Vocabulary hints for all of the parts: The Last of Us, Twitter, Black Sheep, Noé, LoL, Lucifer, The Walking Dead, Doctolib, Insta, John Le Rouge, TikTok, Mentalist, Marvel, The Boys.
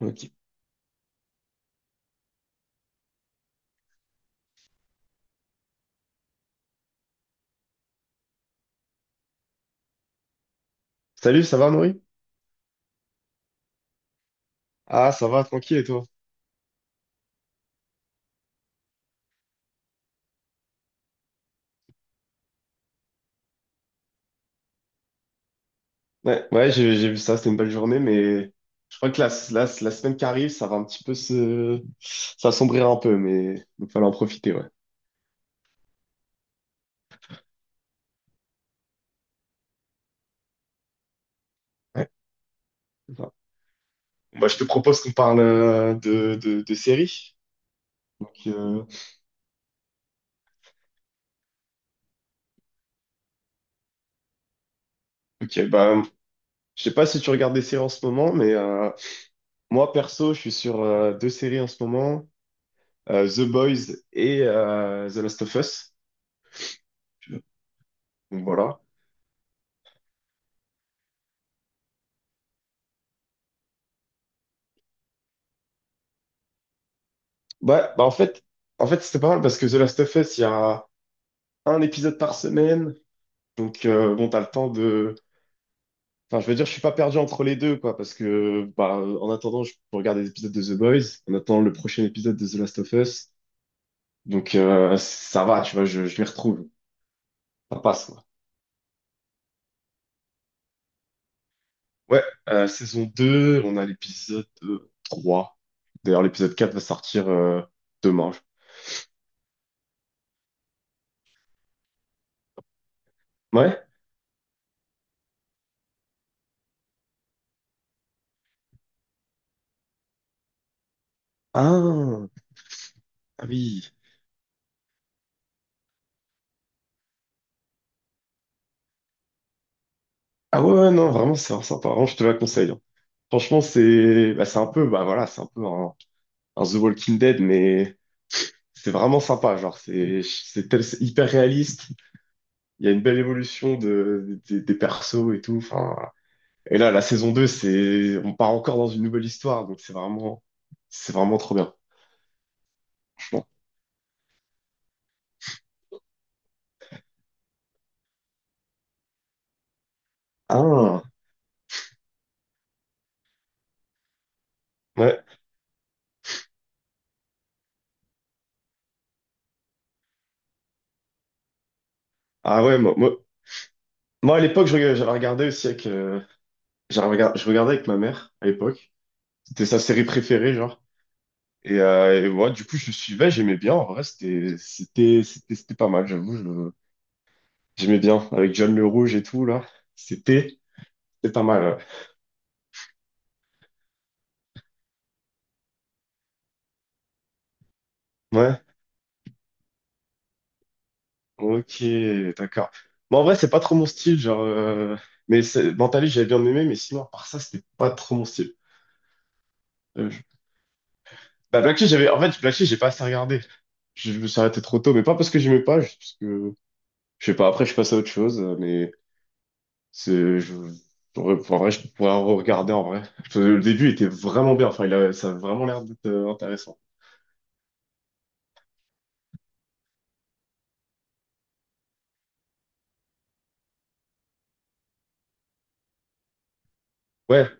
Ok. Salut, ça va, Noé? Ah, ça va, tranquille, et toi? Ouais, ouais, j'ai vu ça, c'était une belle journée, mais je crois que la semaine qui arrive, ça va un petit peu, ça sombrira un peu, mais il va falloir en profiter, ouais. Ouais, c'est ça. Bah, je te propose qu'on parle de séries. Donc, ok, bah, je sais pas si tu regardes des séries en ce moment, mais moi, perso, je suis sur deux séries en ce moment, The Boys et The Last of Us. Donc, voilà. Ouais, bah en fait, c'était pas mal parce que The Last of Us, il y a un épisode par semaine. Donc bon, t'as le temps de. Enfin, je veux dire, je suis pas perdu entre les deux, quoi, parce que bah, en attendant, je peux regarder des épisodes de The Boys, en attendant le prochain épisode de The Last of Us. Donc ça va, tu vois, je m'y retrouve. Ça passe, quoi. Ouais, saison 2 on a l'épisode 3. D'ailleurs, l'épisode 4 va sortir demain. Ouais? Ah, ah oui. Ah ouais, ouais, non, vraiment, c'est sympa. Vraiment, je te la conseille, hein. Franchement, c'est bah, c'est un peu bah voilà, c'est un peu un The Walking Dead, mais c'est vraiment sympa. Genre, c'est c'est hyper réaliste. Il y a une belle évolution de, des persos et tout. Enfin, voilà. Et là, la saison 2, c'est on part encore dans une nouvelle histoire, donc c'est vraiment trop bien, franchement. Ah ouais, ah ouais, moi, à l'époque, j'avais regardé aussi avec je regardais avec ma mère à l'époque. C'était sa série préférée, genre. Et ouais, du coup, je suivais, j'aimais bien. En vrai, c'était pas mal, j'avoue. J'aimais bien. Avec John Le Rouge et tout, là. C'était, c'était pas mal. Ouais. Ouais. Ok, d'accord. Bon, en vrai, c'est pas trop mon style, genre. Mais Mentalist, j'avais bien aimé, mais sinon, à part ça, c'était pas trop mon style. Euh, je- Bah, Black Sheep, j'avais. En fait, Black Sheep, j'ai pas assez regardé. Je me suis arrêté trop tôt, mais pas parce que j'aimais pas, juste parce que. Je sais pas, après, je suis passé à autre chose, mais. C'est, je, enfin, en vrai, je pourrais en regarder en vrai. Parce que le début était vraiment bien. Enfin, ça a vraiment l'air d'être intéressant. Ouais,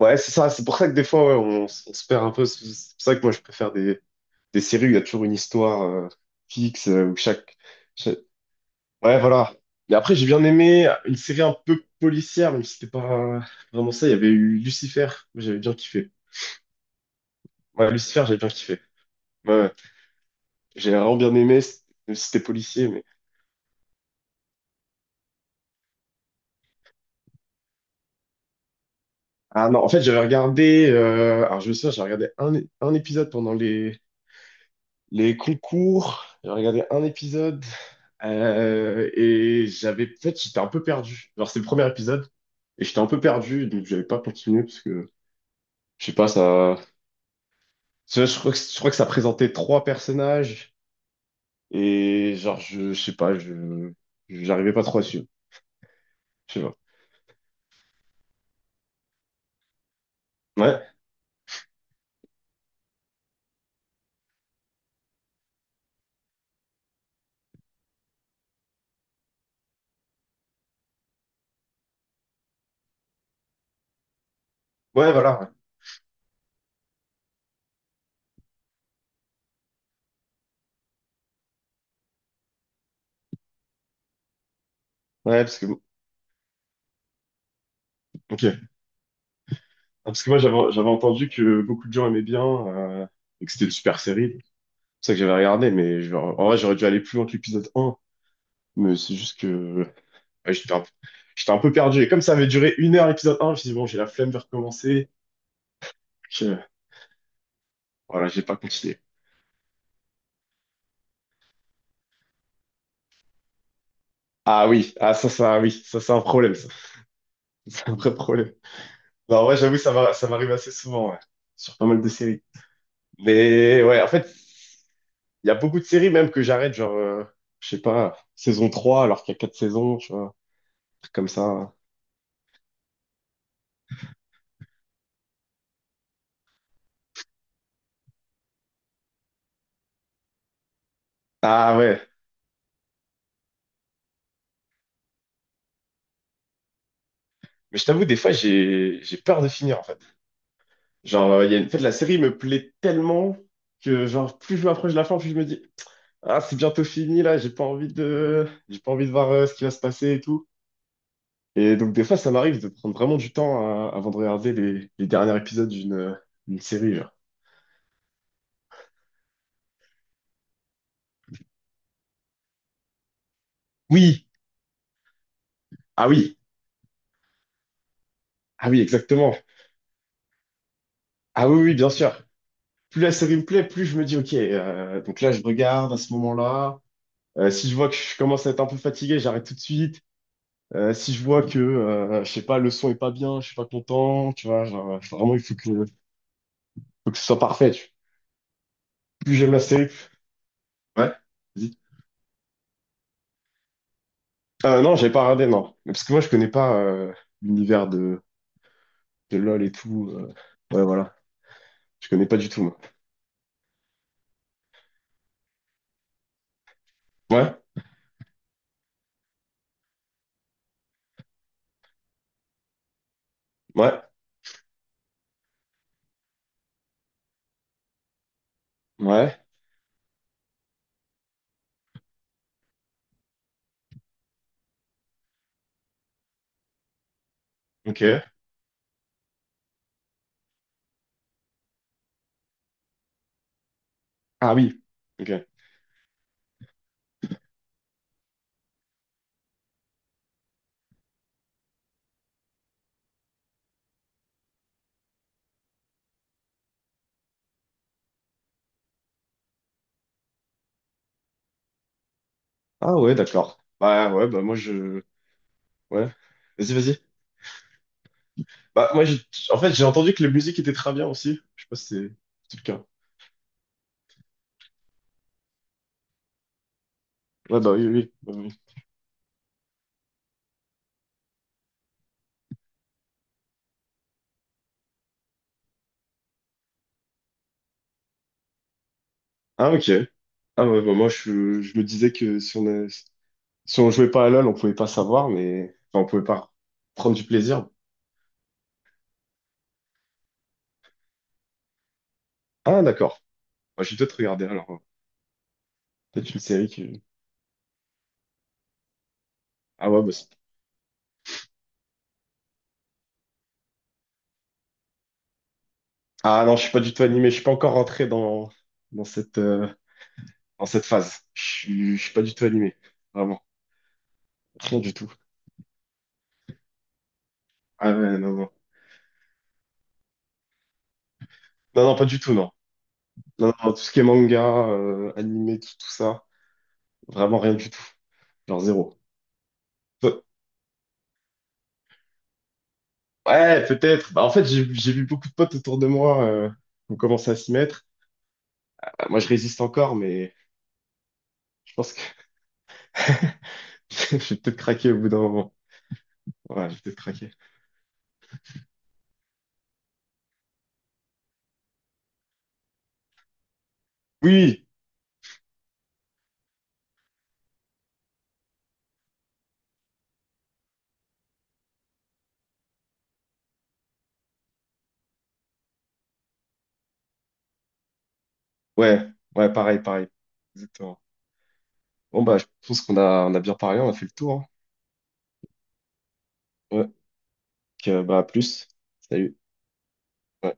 ouais, c'est ça. C'est pour ça que des fois, ouais, on se perd un peu. C'est pour ça que moi, je préfère des séries où il y a toujours une histoire fixe, chaque- Ouais, voilà. Mais après, j'ai bien aimé une série un peu policière, même si c'était pas vraiment ça. Il y avait eu Lucifer. Moi, j'avais bien kiffé. Ouais, Lucifer, j'avais bien kiffé. Ouais, ouais. J'ai vraiment bien aimé, même si c'était policier, mais. Ah non, en fait, j'avais regardé, alors je me souviens, j'ai regardé un épisode pendant les concours, j'ai regardé un épisode, et j'avais, en fait, j'étais un peu perdu. Genre, c'est le premier épisode, et j'étais un peu perdu, donc j'avais pas continué, parce que, je sais pas, ça, tu je crois que ça présentait trois personnages, et genre, je sais pas, j'arrivais pas trop à suivre, je sais pas. Ouais, ouais, voilà, ouais, ouais, parce que, bon, ok. Ah, parce que moi, j'avais entendu que beaucoup de gens aimaient bien et que c'était une super série. C'est pour ça que j'avais regardé, mais en vrai, j'aurais dû aller plus loin que l'épisode 1. Mais c'est juste que ouais, j'étais un peu perdu. Et comme ça avait duré une heure l'épisode un, je me suis dit, bon, j'ai la flemme de recommencer. Je- Voilà, j'ai pas continué. Ah oui, ah ça, ça, oui, ça, c'est un problème, ça. C'est un vrai problème. Non, ouais j'avoue, ça va, ça m'arrive assez souvent, ouais, sur pas mal de séries. Mais ouais, en fait, il y a beaucoup de séries même que j'arrête, genre, je sais pas, saison 3 alors qu'il y a 4 saisons, tu vois, un truc comme ça. Ah ouais, mais je t'avoue, des fois, j'ai peur de finir, en fait. Genre, il y a en fait, la série me plaît tellement que, genre, plus je m'approche de la fin, plus je me dis, ah, c'est bientôt fini, là, j'ai pas envie de voir ce qui va se passer et tout. Et donc, des fois, ça m'arrive de prendre vraiment du temps avant de regarder les derniers épisodes d'une série, genre. Oui! Ah oui! Ah oui, exactement! Ah oui, oui, bien sûr! Plus la série me plaît, plus je me dis, ok, donc là, je regarde à ce moment-là. Si je vois que je commence à être un peu fatigué, j'arrête tout de suite. Si je vois que, je sais pas, le son est pas bien, je suis pas content, tu vois, genre, vraiment, il faut que, ce soit parfait. Plus j'aime la série. Ouais, vas-y. Non, j'avais pas regardé, non. Mais parce que moi, je connais pas l'univers de LoL et tout. Ouais, voilà. Je connais pas du tout, moi. Ouais, ouais, ouais, ok. Ah oui, ok. Ah ouais, d'accord. Bah ouais, bah moi. Ouais, vas-y, vas-y. Bah moi, en fait, j'ai entendu que la musique était très bien aussi. Je sais pas si c'est le cas. Ouais, bah oui, oui, oui. Ah ok. Ah ouais, bah, moi je, me disais que si si on jouait pas à LoL, on pouvait pas savoir, mais enfin, on pouvait pas prendre du plaisir. Ah d'accord. Bah, je vais peut-être regarder alors, hein. Peut-être une série qui. Ah ouais, bah, Ah non, je suis pas du tout animé. Je suis pas encore rentré dans cette dans cette phase. Je suis pas du tout animé. Vraiment. Rien du tout. Ah ouais, non, non. Non, non, pas du tout, non. Non, non, tout ce qui est manga, animé, tout, tout ça. Vraiment rien du tout. Genre zéro. Ouais, peut-être. Bah, en fait, j'ai vu beaucoup de potes autour de moi qui ont commencé à s'y mettre. Moi, je résiste encore, mais je pense que je vais peut-être craquer au bout d'un moment. Ouais, je vais peut-être craquer. Oui, ouais, ouais, pareil, pareil. Exactement. Bon, bah, je pense qu'on a bien parlé, on a fait le tour, hein. Ouais, donc, bah, à plus. Salut. Ouais.